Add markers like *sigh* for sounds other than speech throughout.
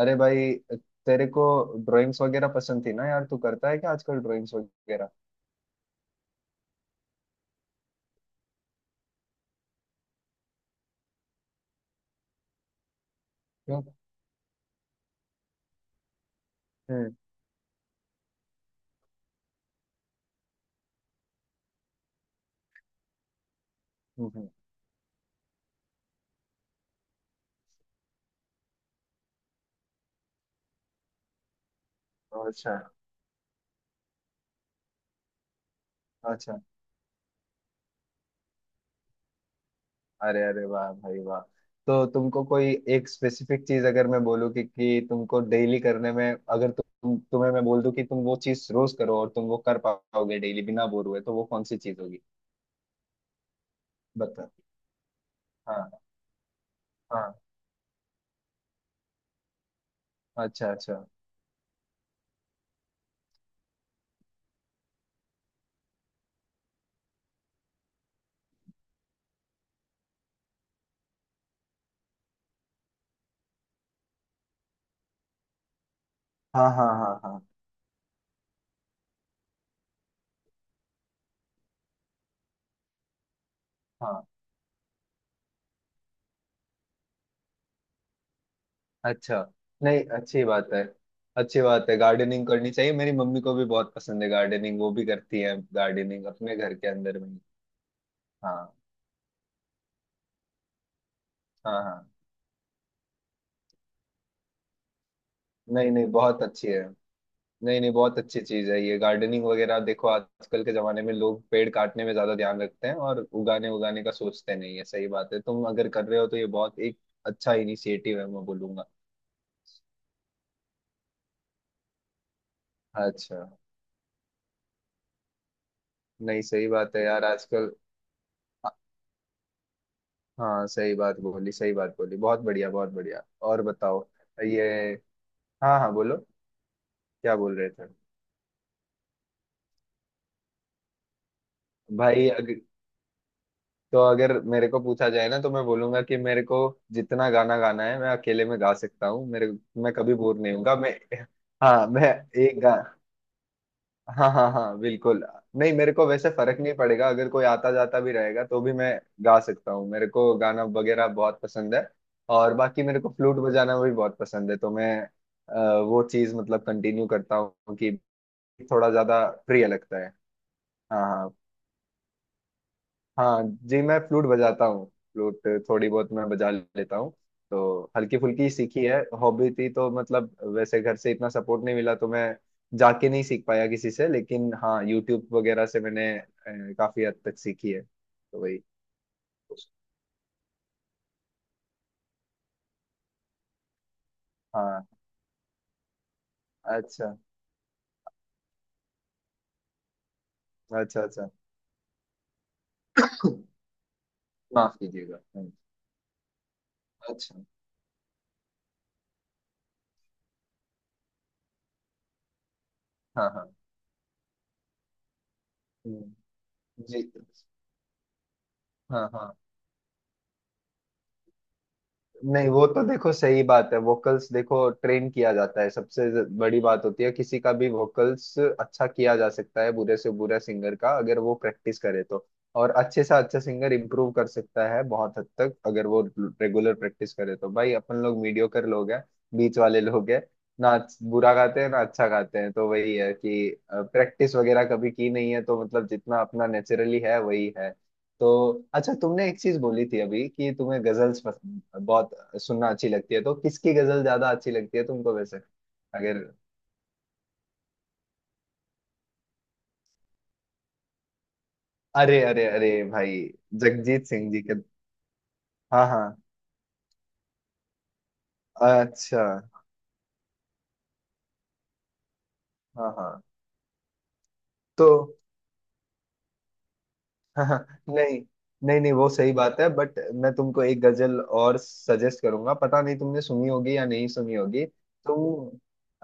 अरे भाई, तेरे को ड्राइंग्स वगैरह पसंद थी ना यार। तू करता है क्या आजकल ड्राइंग्स वगैरह? क्यों? हम्म। हम्म। हम्म। अच्छा। अच्छा। अरे अरे वाह भाई वाह। तो तुमको कोई एक स्पेसिफिक चीज अगर मैं बोलूँ कि तुमको डेली करने में, अगर तुम तुम्हें मैं बोल दूं कि तुम वो चीज रोज करो और तुम वो कर पाओगे डेली बिना बोर हुए, तो वो कौन सी चीज होगी? बता। हाँ। हाँ। अच्छा अच्छा। हाँ हाँ। हाँ हाँ। अच्छा। नहीं, अच्छी बात है। अच्छी बात है, गार्डनिंग करनी चाहिए। मेरी मम्मी को भी बहुत पसंद है गार्डनिंग। वो भी करती है गार्डनिंग अपने घर के अंदर में ही। हाँ। हाँ हाँ। नहीं नहीं, बहुत अच्छी है। नहीं नहीं, बहुत अच्छी चीज है ये गार्डनिंग वगैरह। देखो आजकल के जमाने में लोग पेड़ काटने में ज्यादा ध्यान रखते हैं और उगाने उगाने का सोचते नहीं है। सही बात है, तुम अगर कर रहे हो तो ये बहुत एक अच्छा इनिशिएटिव है, मैं बोलूंगा। अच्छा। नहीं, सही बात है यार आजकल। हाँ, सही बात बोली, सही बात बोली, बहुत बढ़िया बहुत बढ़िया। और बताओ ये। हाँ हाँ, बोलो। क्या बोल रहे थे? भाई अग, तो अगर मेरे को पूछा जाए ना तो मैं बोलूंगा कि मेरे को जितना गाना गाना है मैं अकेले में गा सकता हूँ। मेरे मैं कभी बोर नहीं होऊंगा। मैं हाँ, मैं एक गा हाँ हाँ हाँ, बिल्कुल। नहीं, मेरे को वैसे फर्क नहीं पड़ेगा, अगर कोई आता जाता भी रहेगा तो भी मैं गा सकता हूँ। मेरे को गाना वगैरह बहुत पसंद है। और बाकी मेरे को फ्लूट बजाना भी बहुत पसंद है, तो मैं वो चीज मतलब कंटिन्यू करता हूँ कि थोड़ा ज्यादा प्रिय लगता है। हाँ हाँ। हाँ जी, मैं फ्लूट बजाता हूँ। फ्लूट थोड़ी बहुत मैं बजा लेता हूँ, तो हल्की फुल्की सीखी है। हॉबी थी तो मतलब, वैसे घर से इतना सपोर्ट नहीं मिला, तो मैं जाके नहीं सीख पाया किसी से, लेकिन हाँ यूट्यूब वगैरह से मैंने काफी हद तक सीखी है, तो वही। हाँ। अच्छा अच्छा। अच्छा। माफ कीजिएगा। हम्म। अच्छा। हाँ हाँ। हम्म। जी। हाँ हाँ। नहीं वो तो, देखो सही बात है। वोकल्स देखो, ट्रेन किया जाता है सबसे बड़ी बात होती है। किसी का भी वोकल्स अच्छा किया जा सकता है, बुरे से बुरा सिंगर का अगर वो प्रैक्टिस करे तो। और अच्छे से अच्छा सिंगर इम्प्रूव कर सकता है बहुत हद तक अगर वो रेगुलर प्रैक्टिस करे तो। भाई अपन लोग मीडियोकर लोग हैं, बीच वाले लोग हैं, ना बुरा गाते हैं ना अच्छा गाते हैं, तो वही है कि प्रैक्टिस वगैरह कभी की नहीं है तो मतलब जितना अपना नेचुरली है वही है। तो अच्छा, तुमने एक चीज बोली थी अभी कि तुम्हें गजल्स पसंद बहुत, सुनना अच्छी लगती है। तो किसकी गजल ज्यादा अच्छी लगती है तुमको वैसे? अगर। अरे अरे अरे भाई, जगजीत सिंह जी के। हाँ हाँ। अच्छा। हाँ हाँ। तो *laughs* हाँ। नहीं नहीं नहीं, वो सही बात है, बट मैं तुमको एक गजल और सजेस्ट करूंगा, पता नहीं तुमने सुनी होगी या नहीं सुनी होगी। तुम।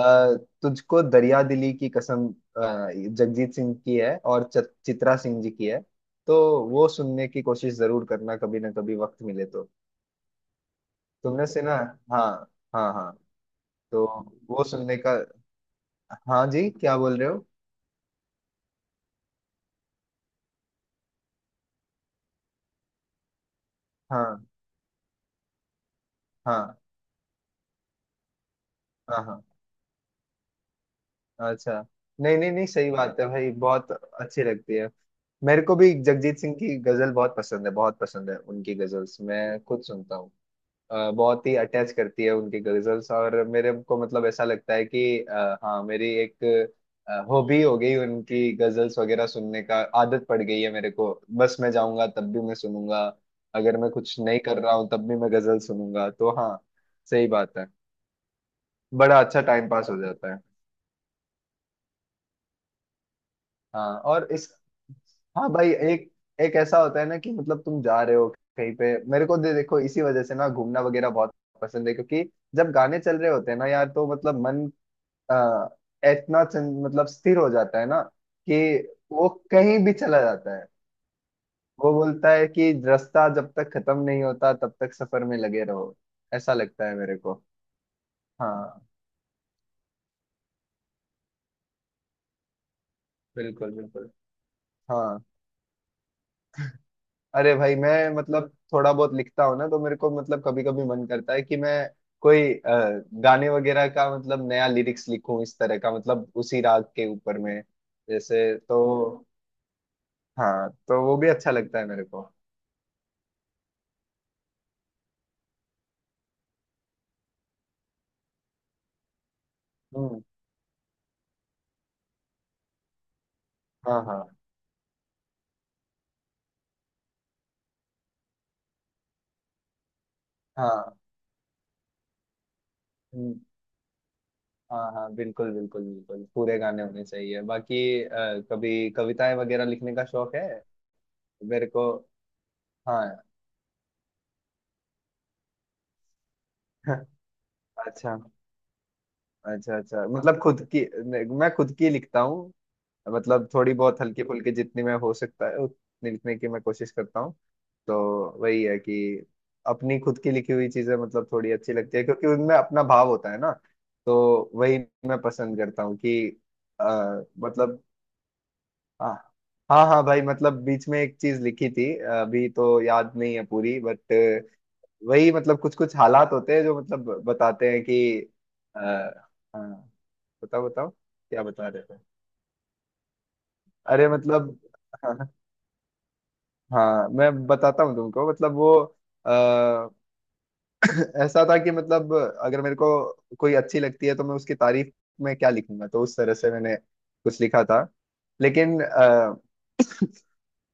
अ, तुझको दरिया दिली की कसम, जगजीत सिंह की है और चित्रा सिंह जी की है। तो वो सुनने की कोशिश जरूर करना, कभी ना कभी वक्त मिले तो। तुमने सुना? हाँ। हाँ हाँ। तो वो सुनने का। हाँ जी, क्या बोल रहे हो? हाँ हाँ। हाँ हाँ। अच्छा। नहीं नहीं नहीं, सही बात है भाई, बहुत अच्छी लगती है। मेरे को भी जगजीत सिंह की गजल बहुत पसंद है, बहुत पसंद है उनकी गजल्स, मैं खुद सुनता हूँ। बहुत ही अटैच करती है उनकी गजल्स। और मेरे को मतलब ऐसा लगता है कि हाँ, मेरी एक हॉबी हो गई उनकी गजल्स वगैरह सुनने का, आदत पड़ गई है मेरे को। बस मैं जाऊंगा तब भी मैं सुनूंगा, अगर मैं कुछ नहीं कर रहा हूँ तब भी मैं गजल सुनूंगा, तो हाँ सही बात है। बड़ा अच्छा टाइम पास हो जाता है। हाँ, और इस। हाँ भाई, एक एक ऐसा होता है ना कि मतलब तुम जा रहे हो कहीं पे, मेरे को देखो इसी वजह से ना घूमना वगैरह बहुत पसंद है, क्योंकि जब गाने चल रहे होते हैं ना यार तो मतलब मन आ, इतना मतलब स्थिर हो जाता है ना कि वो कहीं भी चला जाता है। वो बोलता है कि रास्ता जब तक खत्म नहीं होता तब तक सफर में लगे रहो, ऐसा लगता है मेरे को। हाँ बिल्कुल बिल्कुल। हाँ। अरे भाई, मैं मतलब थोड़ा बहुत लिखता हूँ ना, तो मेरे को मतलब कभी कभी मन करता है कि मैं कोई गाने वगैरह का मतलब नया लिरिक्स लिखूं इस तरह का, मतलब उसी राग के ऊपर में जैसे, तो। हाँ, तो वो भी अच्छा लगता है मेरे को। हम्म। हाँ हाँ हाँ। हम्म। हाँ हाँ, बिल्कुल बिल्कुल बिल्कुल, पूरे गाने होने चाहिए। बाकी कभी कविताएं वगैरह लिखने का शौक है मेरे को। हाँ। *laughs* अच्छा अच्छा। अच्छा मतलब खुद की नहीं, मैं खुद की लिखता हूँ। मतलब थोड़ी बहुत हल्की फुल्की जितनी मैं, हो सकता है उतनी लिखने की मैं कोशिश करता हूँ। तो वही है कि अपनी खुद की लिखी हुई चीजें मतलब थोड़ी अच्छी लगती है क्योंकि उनमें अपना भाव होता है ना। तो वही मैं पसंद करता हूँ कि आ, मतलब। हाँ हाँ हाँ भाई, मतलब बीच में एक चीज लिखी थी, अभी तो याद नहीं है पूरी, बट वही मतलब कुछ कुछ हालात होते हैं जो मतलब बताते हैं कि आ, हाँ। बताओ बताओ, क्या बता रहे थे? अरे मतलब, *laughs* हाँ मैं बताता हूँ तुमको, मतलब वो आ, *clears throat* ऐसा था कि मतलब अगर मेरे को कोई अच्छी लगती है तो मैं उसकी तारीफ में क्या लिखूंगा, तो उस तरह से मैंने कुछ लिखा था, लेकिन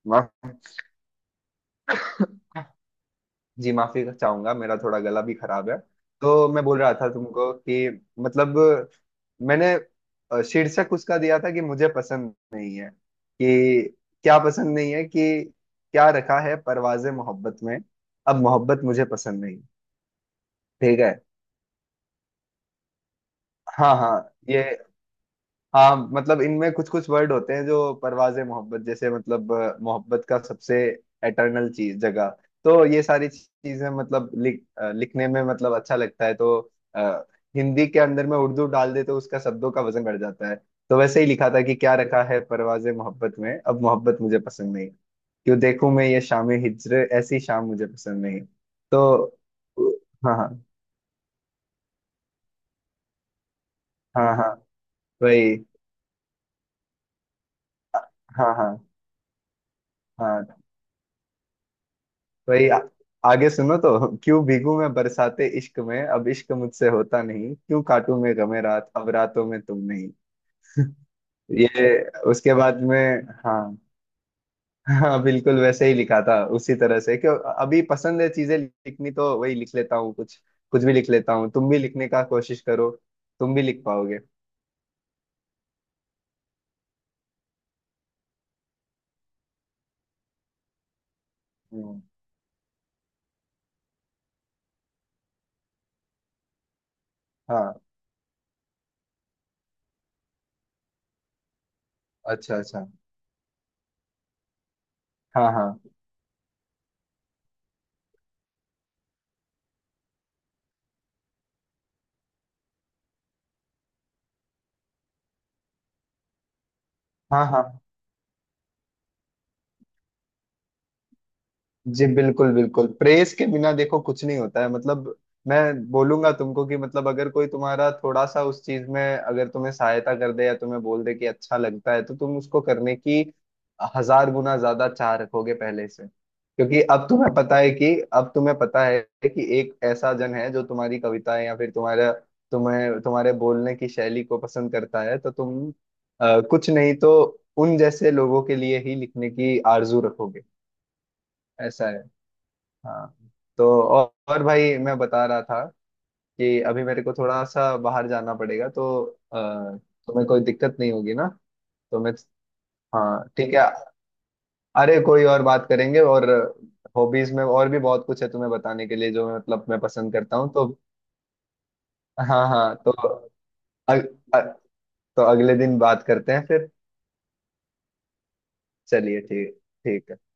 माफ, जी माफी चाहूंगा, मेरा थोड़ा गला भी खराब है। तो मैं बोल रहा था तुमको कि मतलब मैंने शीर्षक उसका दिया था कि मुझे पसंद नहीं है कि, क्या पसंद नहीं है कि, क्या रखा है परवाज़े मोहब्बत में, अब मोहब्बत मुझे पसंद नहीं। ठीक है। हाँ हाँ ये। हाँ मतलब इनमें कुछ कुछ वर्ड होते हैं जो परवाज़े मोहब्बत जैसे मतलब, मोहब्बत का सबसे एटर्नल चीज जगह। तो ये सारी चीजें मतलब लिख लिखने में मतलब अच्छा लगता है, तो अ, हिंदी के अंदर में उर्दू डाल दे तो उसका शब्दों का वजन बढ़ जाता है। तो वैसे ही लिखा था कि क्या रखा है परवाज़े मोहब्बत में, अब मोहब्बत मुझे पसंद नहीं, क्यों देखूं मैं ये शामें हिज्र, ऐसी शाम मुझे पसंद नहीं। तो हाँ हाँ। हाँ हाँ। वही। हाँ हाँ हाँ भाई, आगे सुनो तो, क्यों भीगू मैं बरसाते इश्क में, अब इश्क मुझसे होता नहीं, क्यों काटू मैं गमे रात, अब रातों में तुम नहीं। ये उसके बाद में। हाँ हाँ, बिल्कुल वैसे ही लिखा था उसी तरह से, क्यों। अभी पसंद है चीजें लिखनी तो वही लिख लेता हूँ, कुछ कुछ भी लिख लेता हूँ। तुम भी लिखने का कोशिश करो, तुम भी लिख पाओगे। हम्म। हाँ। अच्छा अच्छा। हाँ हाँ। हाँ हाँ। जी बिल्कुल बिल्कुल, प्रेस के बिना देखो कुछ नहीं होता है। मतलब मैं बोलूंगा तुमको कि मतलब, अगर कोई तुम्हारा थोड़ा सा उस चीज में अगर तुम्हें सहायता कर दे या तुम्हें बोल दे कि अच्छा लगता है, तो तुम उसको करने की हजार गुना ज्यादा चाह रखोगे पहले से, क्योंकि अब तुम्हें पता है, कि अब तुम्हें पता है कि एक ऐसा जन है जो तुम्हारी कविताएं या फिर तुम्हारा, तुम्हें तुम्हारे बोलने की शैली को पसंद करता है, तो तुम कुछ नहीं तो उन जैसे लोगों के लिए ही लिखने की आरजू रखोगे। ऐसा है। हाँ। तो और भाई, मैं बता रहा था कि अभी मेरे को थोड़ा सा बाहर जाना पड़ेगा, तो अ, तुम्हें कोई दिक्कत नहीं होगी ना? तो मैं। हाँ ठीक है। अरे कोई और बात करेंगे, और हॉबीज में और भी बहुत कुछ है तुम्हें बताने के लिए, जो मैं मतलब मैं पसंद करता हूँ, तो। हाँ हाँ, तो अग, अ, तो अगले दिन बात करते हैं फिर। चलिए ठीक। ठीक है।